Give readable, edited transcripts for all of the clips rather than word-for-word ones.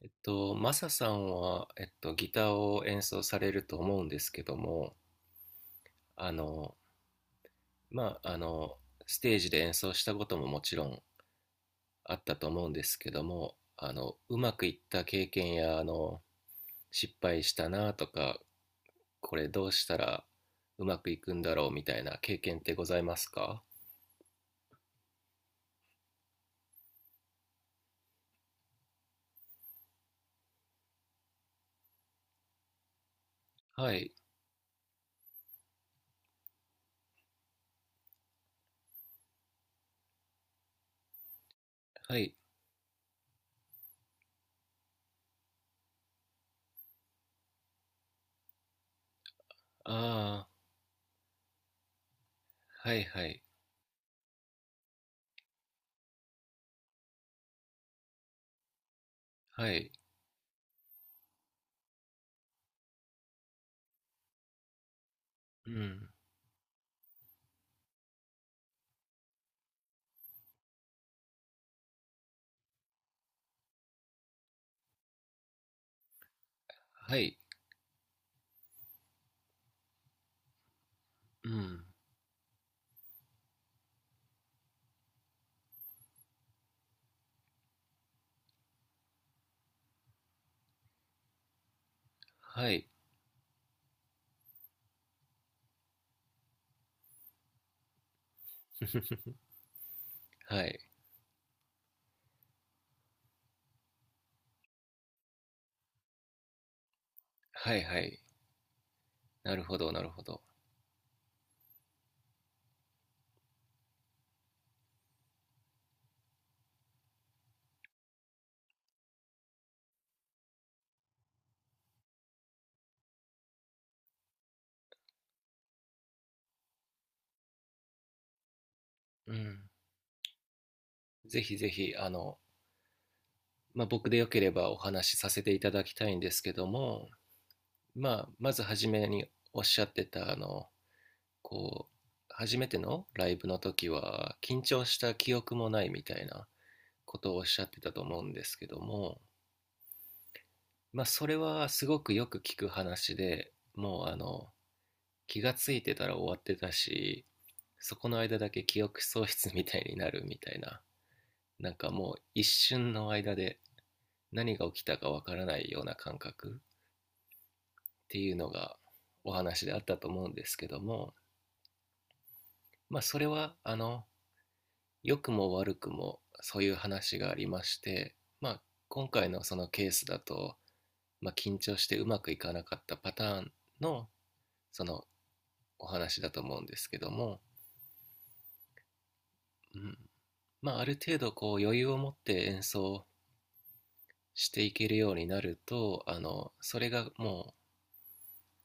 マサさんは、ギターを演奏されると思うんですけども、あの、まあ、ステージで演奏したことももちろんあったと思うんですけども、うまくいった経験や、失敗したなとか、これどうしたらうまくいくんだろうみたいな経験ってございますか？はい、はい、ああ、はい、はい、はい、うん、はい、うん、はい、はい、はい、はい、なるほど、なるほど。うん。ぜひぜひ、まあ、僕でよければお話しさせていただきたいんですけども、まあ、まず初めにおっしゃってた、こう、初めてのライブの時は、緊張した記憶もないみたいなことをおっしゃってたと思うんですけども、まあ、それはすごくよく聞く話で、もう、気がついてたら終わってたし、そこの間だけ記憶喪失みたいになるみたいな、なんかもう一瞬の間で何が起きたかわからないような感覚っていうのがお話であったと思うんですけども、まあ、それは良くも悪くもそういう話がありまして、まあ、今回のそのケースだと、まあ、緊張してうまくいかなかったパターンのそのお話だと思うんですけども、うん。まあ、ある程度こう余裕を持って演奏していけるようになるとそれがも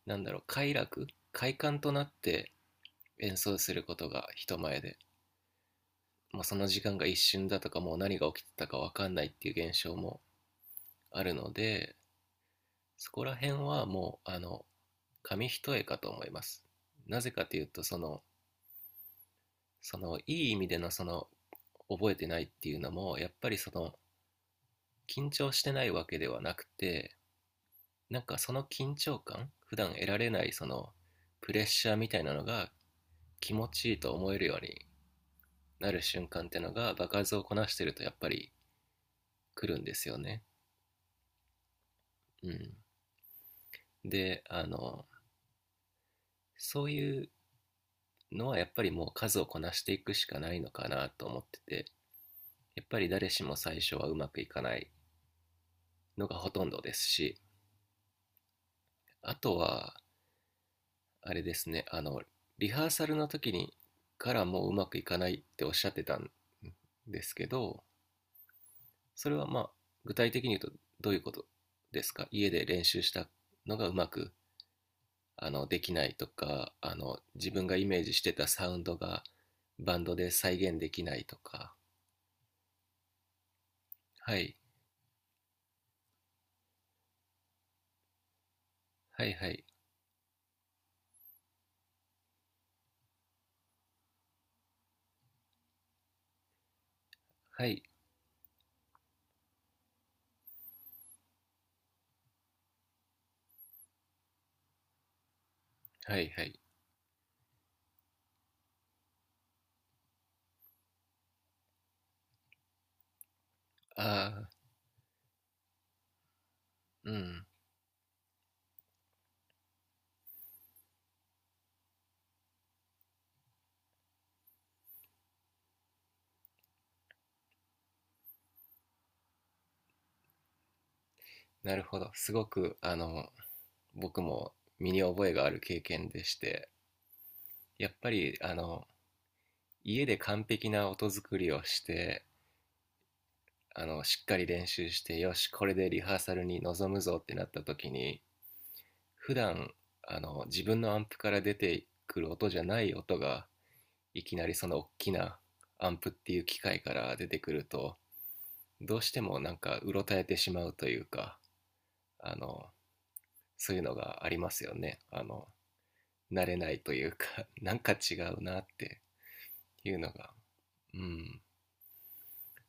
うなんだろう快楽快感となって演奏することが人前でもうその時間が一瞬だとかもう何が起きてたか分かんないっていう現象もあるので、そこら辺はもう紙一重かと思います。なぜかというとそのいい意味でのその覚えてないっていうのもやっぱりその緊張してないわけではなくて、なんかその緊張感普段得られないそのプレッシャーみたいなのが気持ちいいと思えるようになる瞬間ってのが場数をこなしてるとやっぱり来るんですよね。うん。で、そういうのはやっぱりもう数をこなしていくしかないのかなと思ってて、やっぱり誰しも最初はうまくいかないのがほとんどですし、あとはあれですね、リハーサルの時にからもううまくいかないっておっしゃってたんですけど、それはまあ具体的に言うとどういうことですか？家で練習したのがうまくできないとか、自分がイメージしてたサウンドがバンドで再現できないとか、はい、はい、はい、はい、はい、はい、ああー、うん。なるほど。すごく僕も身に覚えがある経験でして、やっぱり家で完璧な音作りをして、しっかり練習して、よしこれでリハーサルに臨むぞってなった時に、普段自分のアンプから出てくる音じゃない音がいきなりその大きなアンプっていう機械から出てくると、どうしてもなんかうろたえてしまうというか、あのそういうのがありますよね。慣れないというか、 なんか違うなっていうのが。うん。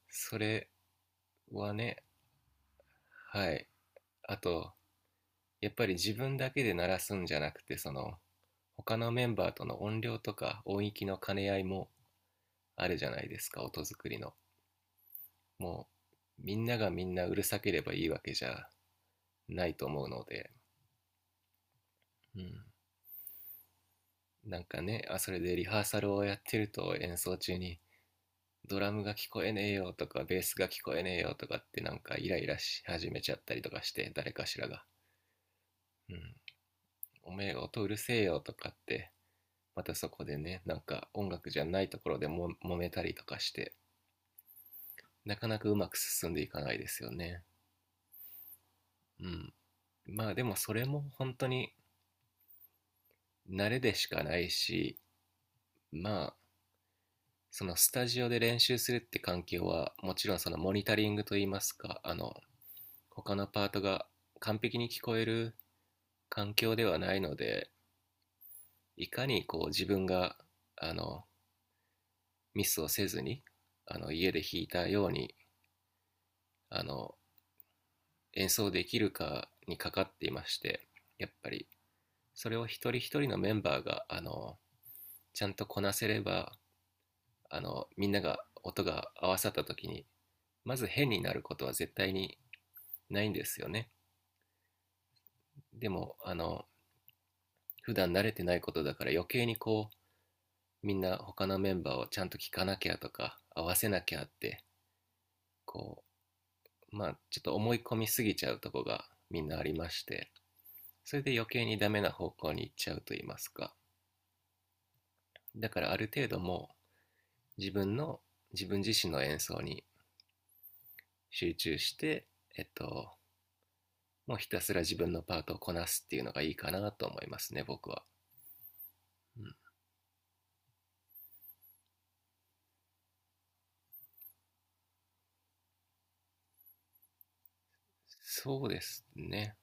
それはね。はい。あと、やっぱり自分だけで鳴らすんじゃなくて、その他のメンバーとの音量とか音域の兼ね合いもあるじゃないですか、音作りの。もうみんながみんなうるさければいいわけじゃないと思うので、うん、なんかね、あ、それでリハーサルをやってると演奏中にドラムが聞こえねえよとかベースが聞こえねえよとかってなんかイライラし始めちゃったりとかして、誰かしらが、うん、おめえ音うるせえよとかって、またそこでね、なんか音楽じゃないところでも揉めたりとかして、なかなかうまく進んでいかないですよね。うん。まあでもそれも本当に慣れでしかないし、まあそのスタジオで練習するって環境は、もちろんそのモニタリングといいますか、他のパートが完璧に聞こえる環境ではないので、いかにこう自分が、あの、ミスをせずに、家で弾いたように、あの、演奏できるかにかかっていまして、やっぱり、それを一人一人のメンバーが、ちゃんとこなせれば、みんなが音が合わさった時に、まず変になることは絶対にないんですよね。でも、普段慣れてないことだから余計にこう、みんな他のメンバーをちゃんと聞かなきゃとか、合わせなきゃって、こう、まあ、ちょっと思い込みすぎちゃうとこがみんなありまして、それで余計にダメな方向に行っちゃうと言いますか。だからある程度もう自分の、自分自身の演奏に集中して、えっと、もうひたすら自分のパートをこなすっていうのがいいかなと思いますね、僕は。うん。そうですね。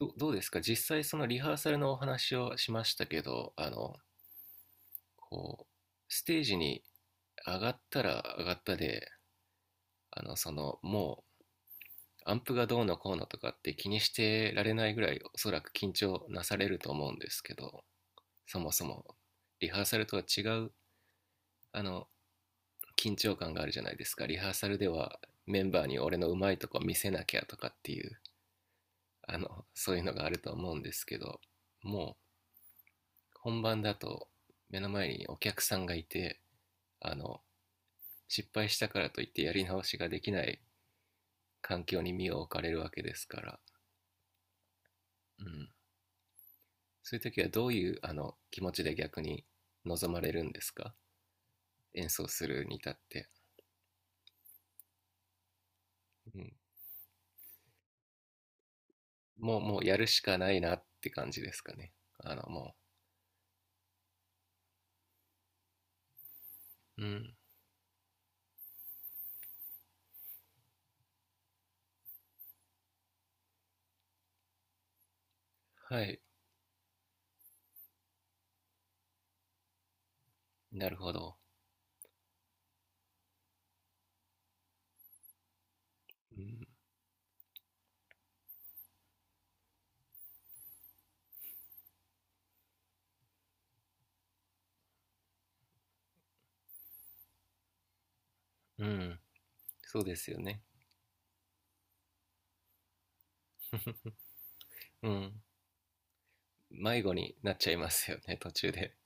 どうですか、実際そのリハーサルのお話をしましたけど、こう、ステージに上がったら上がったで、その、もう、アンプがどうのこうのとかって気にしてられないぐらい、おそらく緊張なされると思うんですけど、そもそも、リハーサルとは違う、あの、緊張感があるじゃないですか。リハーサルではメンバーに俺のうまいとこ見せなきゃとかっていう、そういうのがあると思うんですけど、も本番だと目の前にお客さんがいて、あの失敗したからといってやり直しができない環境に身を置かれるわけですから、うん、そういう時はどういう気持ちで逆に望まれるんですか、演奏するに至って。うん、もうやるしかないなって感じですかね、もう。うん。はい。なるほど。うん、うん、そうですよね。うん、迷子になっちゃいますよね、途中で。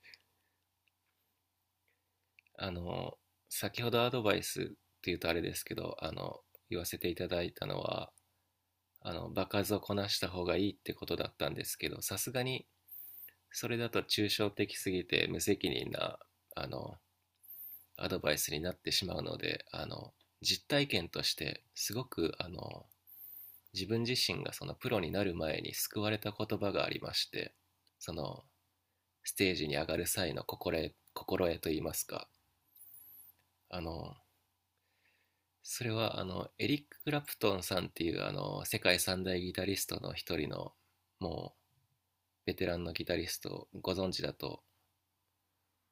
あの、先ほどアドバイスっていうとあれですけど、言わせていただいたのは、場数をこなした方がいいってことだったんですけど、さすがにそれだと抽象的すぎて無責任な、あの、アドバイスになってしまうので、実体験としてすごく、自分自身がそのプロになる前に救われた言葉がありまして、その、ステージに上がる際の心得、心得といいますか、あの、それはエリック・クラプトンさんっていうあの世界三大ギタリストの一人のもうベテランのギタリストをご存知だと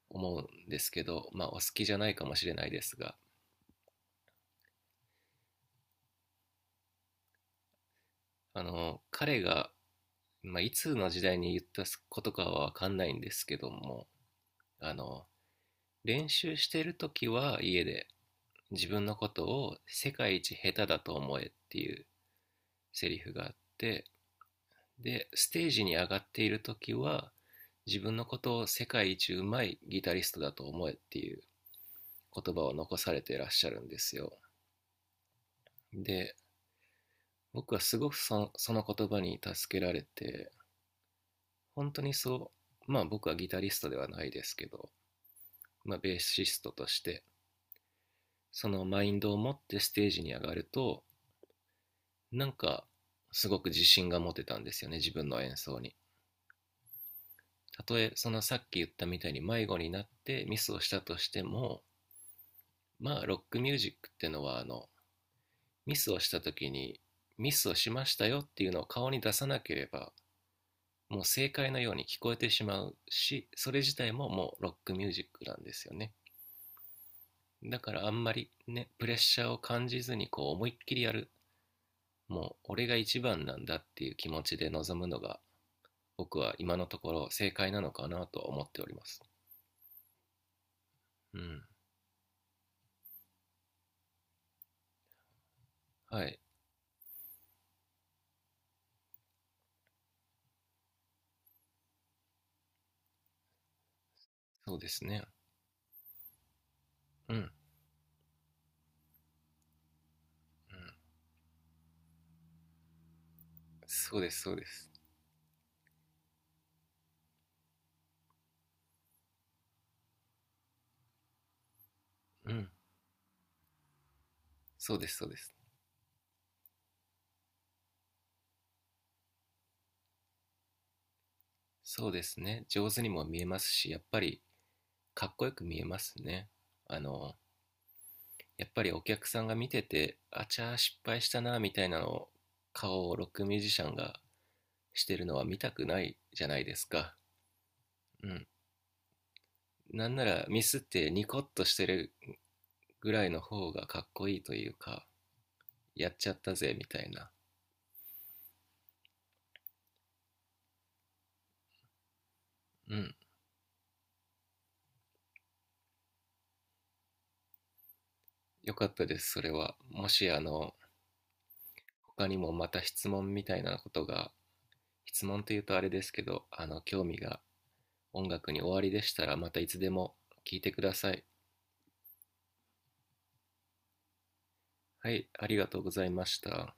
思うんですけど、まあ、お好きじゃないかもしれないですが。彼が、まあ、いつの時代に言ったことかは分かんないんですけども、あの練習してる時は家で、自分のことを世界一下手だと思えっていうセリフがあって、で、ステージに上がっている時は、自分のことを世界一うまいギタリストだと思えっていう言葉を残されていらっしゃるんですよ。で、僕はすごくその言葉に助けられて、本当にそう、まあ僕はギタリストではないですけど、まあベーシストとして、そのマインドを持ってステージに上がると、なんかすごく自信が持てたんですよね、自分の演奏に。たとえそのさっき言ったみたいに迷子になってミスをしたとしても、まあロックミュージックってのはミスをした時にミスをしましたよっていうのを顔に出さなければ、もう正解のように聞こえてしまうし、それ自体ももうロックミュージックなんですよね。だからあんまりね、プレッシャーを感じずにこう思いっきりやる、もう俺が一番なんだっていう気持ちで臨むのが僕は今のところ正解なのかなと思っております。うん。はい。そうですね。うん、うん、そうですそうです。うん。そうですそうです。そうですね。上手にも見えますし、やっぱりかっこよく見えますね。あの、やっぱりお客さんが見てて、あちゃー失敗したなみたいなのを顔をロックミュージシャンがしてるのは見たくないじゃないですか。うん。なんならミスってニコッとしてるぐらいの方がかっこいいというか、やっちゃったぜみたいな。うん。よかったです、それは。もし他にもまた質問みたいなことが、質問というとあれですけど、興味が音楽に終わりでしたらまたいつでも聞いてください。はい、ありがとうございました。